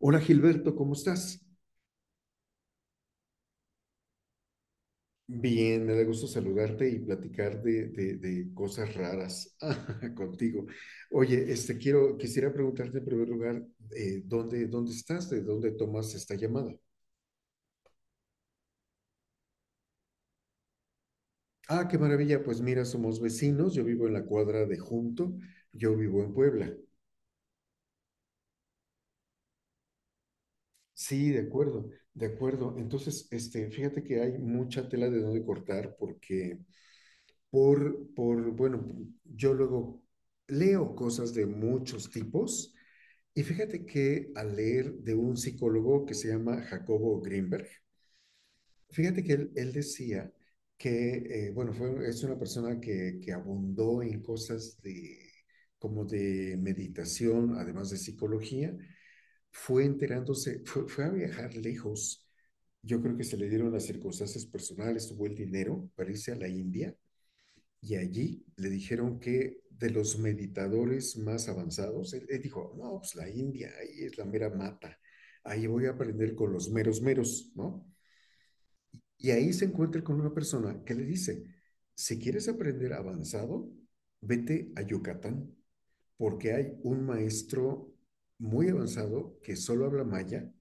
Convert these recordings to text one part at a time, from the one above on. Hola Gilberto, ¿cómo estás? Bien, me da gusto saludarte y platicar de cosas raras contigo. Oye, quiero, quisiera preguntarte en primer lugar, ¿dónde estás? ¿De dónde tomas esta llamada? Ah, qué maravilla. Pues mira, somos vecinos. Yo vivo en la cuadra de Junto. Yo vivo en Puebla. Sí, de acuerdo, de acuerdo. Entonces, fíjate que hay mucha tela de dónde cortar porque bueno, yo luego leo cosas de muchos tipos y fíjate que al leer de un psicólogo que se llama Jacobo Greenberg, fíjate que él decía que, bueno, es una persona que abundó en cosas de, como de meditación, además de psicología, fue a viajar lejos. Yo creo que se le dieron las circunstancias personales, tuvo el dinero para irse a la India y allí le dijeron que de los meditadores más avanzados, él dijo, no, pues la India, ahí es la mera mata, ahí voy a aprender con los meros meros, ¿no? Y ahí se encuentra con una persona que le dice, si quieres aprender avanzado, vete a Yucatán, porque hay un maestro muy avanzado que solo habla maya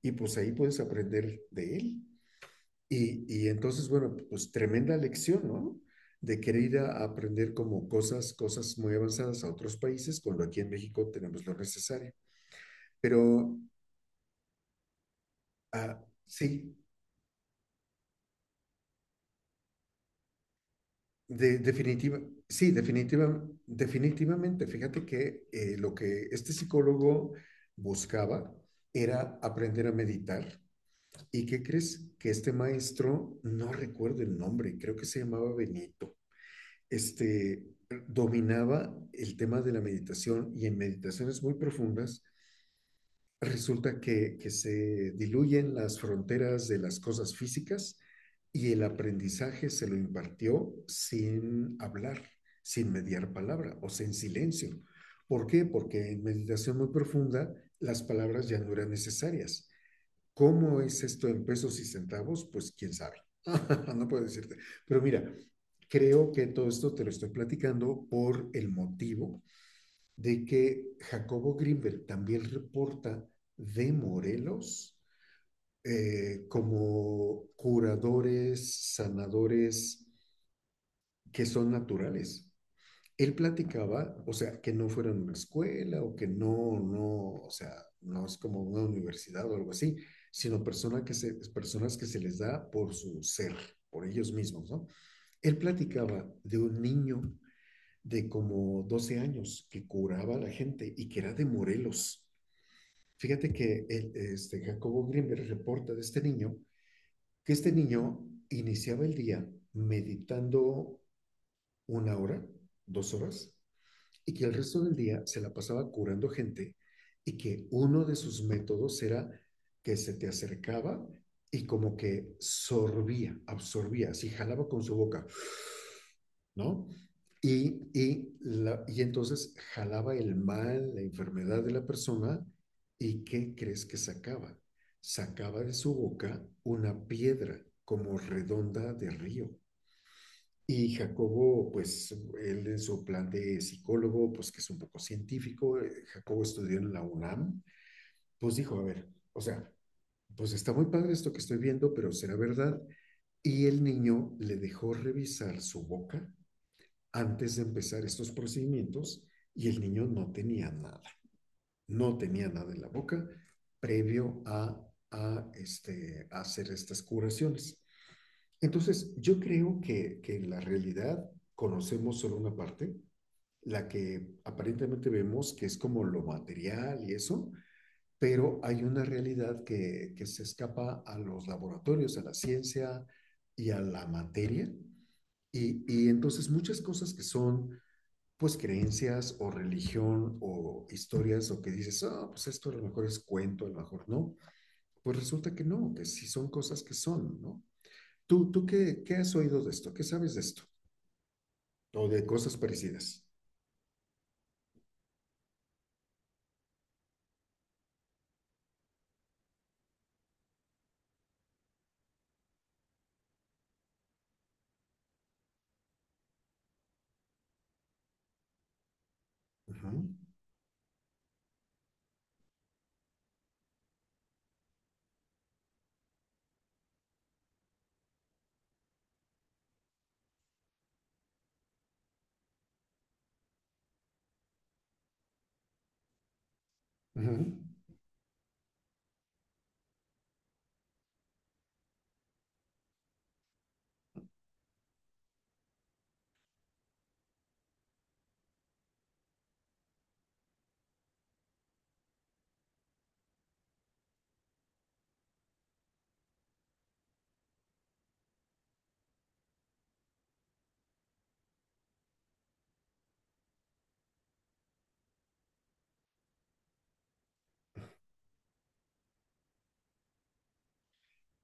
y pues ahí puedes aprender de él. Y entonces, bueno, pues tremenda lección, ¿no? De querer ir a aprender como cosas muy avanzadas a otros países, cuando aquí en México tenemos lo necesario. Pero ah, sí, definitiva, sí, definitiva, definitivamente. Fíjate que lo que este psicólogo buscaba era aprender a meditar. ¿Y qué crees? Que este maestro, no recuerdo el nombre, creo que se llamaba Benito este, dominaba el tema de la meditación y en meditaciones muy profundas resulta que se diluyen las fronteras de las cosas físicas y el aprendizaje se lo impartió sin hablar, sin mediar palabra o sin silencio. ¿Por qué? Porque en meditación muy profunda las palabras ya no eran necesarias. ¿Cómo es esto en pesos y centavos? Pues quién sabe. No puedo decirte. Pero mira, creo que todo esto te lo estoy platicando por el motivo de que Jacobo Grinberg también reporta de Morelos como curadores, sanadores que son naturales. Él platicaba, o sea, que no fuera en una escuela o que o sea, no es como una universidad o algo así, sino personas que se les da por su ser, por ellos mismos, ¿no? Él platicaba de un niño de como 12 años que curaba a la gente y que era de Morelos. Fíjate que Jacobo Greenberg reporta de este niño que este niño iniciaba el día meditando 1 hora, 2 horas, y que el resto del día se la pasaba curando gente y que uno de sus métodos era que se te acercaba y como que sorbía, absorbía, así jalaba con su boca, ¿no? Y entonces jalaba el mal, la enfermedad de la persona, y ¿qué crees que sacaba? Sacaba de su boca una piedra como redonda de río. Y Jacobo, pues él en su plan de psicólogo, pues que es un poco científico, Jacobo estudió en la UNAM, pues dijo, a ver, o sea, pues está muy padre esto que estoy viendo, pero será verdad. Y el niño le dejó revisar su boca antes de empezar estos procedimientos y el niño no tenía nada, no tenía nada en la boca previo a hacer estas curaciones. Entonces, yo creo que en la realidad conocemos solo una parte, la que aparentemente vemos que es como lo material y eso, pero hay una realidad que se escapa a los laboratorios, a la ciencia y a la materia. Y entonces muchas cosas que son pues creencias o religión o historias o que dices, ah, oh, pues esto a lo mejor es cuento, a lo mejor no, pues resulta que no, que sí son cosas que son, ¿no? Qué has oído de esto? ¿Qué sabes de esto? O de cosas parecidas. Ujú, ujú.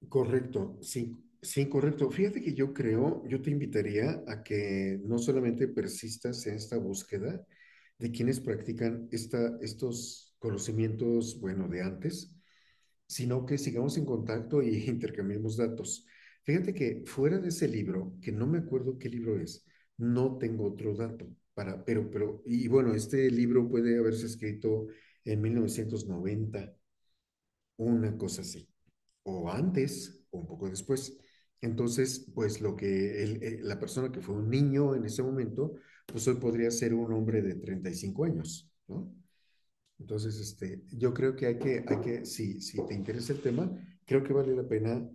Correcto, sí, sí, correcto. Fíjate que yo creo, yo te invitaría a que no solamente persistas en esta búsqueda de quienes practican estos conocimientos, bueno, de antes, sino que sigamos en contacto y intercambiemos datos. Fíjate que fuera de ese libro, que no me acuerdo qué libro es, no tengo otro dato para, bueno, este libro puede haberse escrito en 1990, una cosa así, o antes, o un poco después. Entonces, pues lo que la persona que fue un niño en ese momento, pues hoy podría ser un hombre de 35 años, ¿no? Entonces, yo creo que hay que, hay que si, si te interesa el tema, creo que vale la pena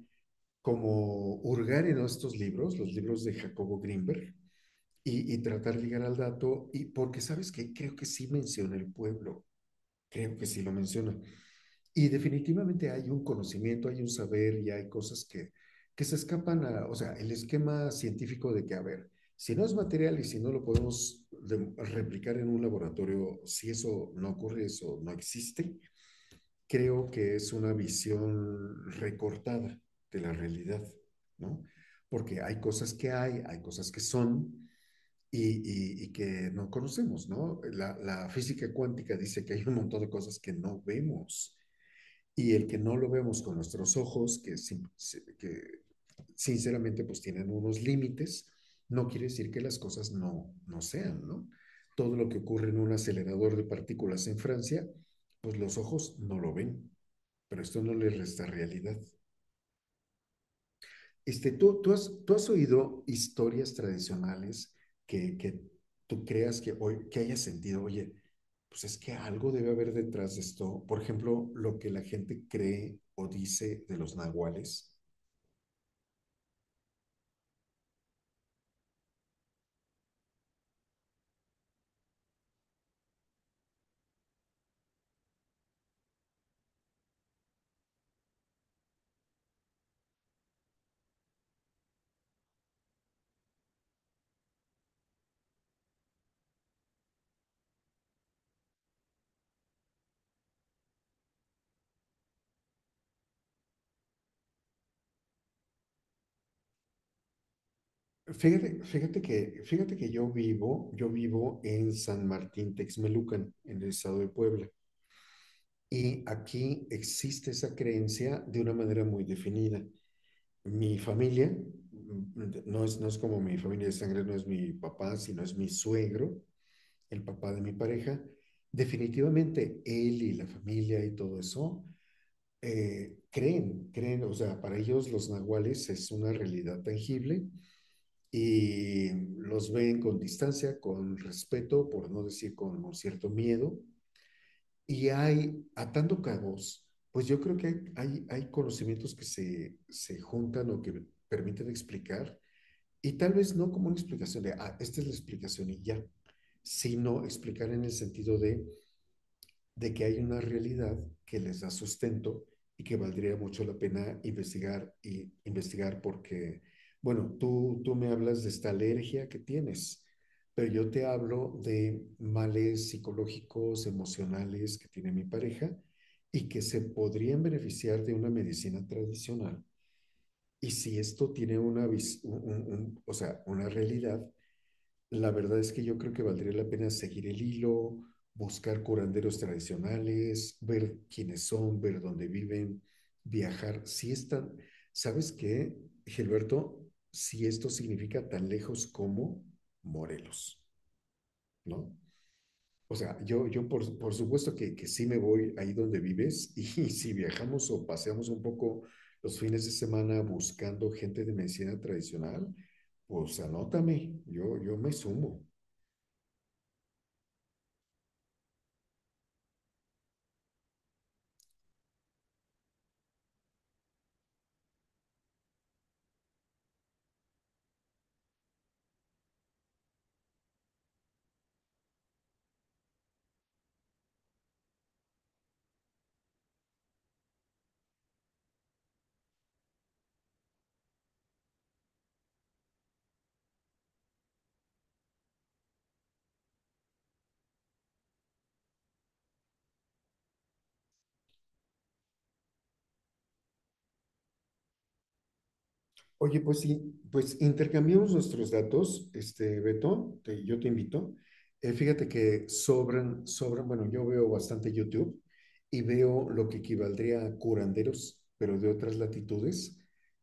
como hurgar en estos libros, los libros de Jacobo Grinberg y tratar de llegar al dato, y porque sabes que creo que sí menciona el pueblo, creo que sí lo menciona. Y definitivamente hay un conocimiento, hay un saber y hay cosas que se escapan a, o sea, el esquema científico de que, a ver, si no es material y si no lo podemos replicar en un laboratorio, si eso no ocurre, eso no existe, creo que es una visión recortada de la realidad, ¿no? Porque hay hay cosas que son y que no conocemos, ¿no? Física cuántica dice que hay un montón de cosas que no vemos y el que no lo vemos con nuestros ojos, que sinceramente, pues tienen unos límites. No quiere decir que las cosas no sean, ¿no? Todo lo que ocurre en un acelerador de partículas en Francia, pues los ojos no lo ven, pero esto no les resta realidad. ¿Tú has oído historias tradicionales que tú creas hoy, que hayas sentido, oye, pues es que algo debe haber detrás de esto? Por ejemplo, lo que la gente cree o dice de los nahuales. Fíjate, fíjate que yo vivo en San Martín Texmelucan, en el estado de Puebla, y aquí existe esa creencia de una manera muy definida. Mi familia, no es como mi familia de sangre, no es mi papá, sino es mi suegro, el papá de mi pareja. Definitivamente él y la familia y todo eso creen, o sea, para ellos los nahuales es una realidad tangible y los ven con distancia, con respeto, por no decir con un cierto miedo. Atando cabos, pues yo creo que hay conocimientos se juntan o que permiten explicar, y tal vez no como una explicación de, ah, esta es la explicación y ya, sino explicar en el sentido de que hay una realidad que les da sustento y que valdría mucho la pena investigar y investigar porque, bueno, tú me hablas de esta alergia que tienes, pero yo te hablo de males psicológicos, emocionales que tiene mi pareja y que se podrían beneficiar de una medicina tradicional. Y si esto tiene una, vis- un- o sea, una realidad, la verdad es que yo creo que valdría la pena seguir el hilo, buscar curanderos tradicionales, ver quiénes son, ver dónde viven, viajar. Si están, ¿sabes qué, Gilberto? Si esto significa tan lejos como Morelos, ¿no? O sea, yo por supuesto que sí me voy ahí donde vives y, si viajamos o paseamos un poco los fines de semana buscando gente de medicina tradicional, pues anótame, yo me sumo. Oye, pues sí, pues intercambiamos nuestros datos, Beto, yo te invito. Fíjate que sobran, bueno, yo veo bastante YouTube y veo lo que equivaldría a curanderos, pero de otras latitudes.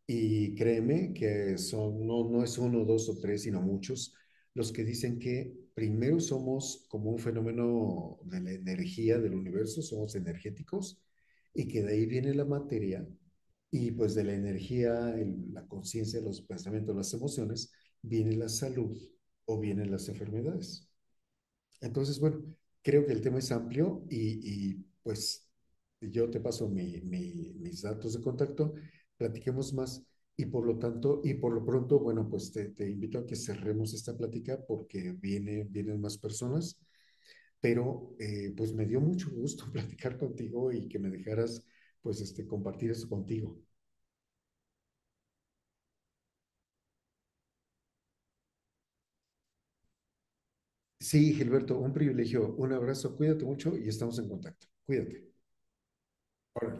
Y créeme que son, no, no es uno, dos o tres, sino muchos, los que dicen que primero somos como un fenómeno de la energía del universo, somos energéticos, y que de ahí viene la materia y pues de la energía, la conciencia, los pensamientos, las emociones, viene la salud o vienen las enfermedades. Entonces, bueno, creo que el tema es amplio pues yo te paso mis datos de contacto, platiquemos más y por lo tanto, y por lo pronto, bueno, pues te invito a que cerremos esta plática porque vienen más personas, pero pues me dio mucho gusto platicar contigo y que me dejaras pues compartir eso contigo. Sí, Gilberto, un privilegio. Un abrazo, cuídate mucho y estamos en contacto. Cuídate. Órale.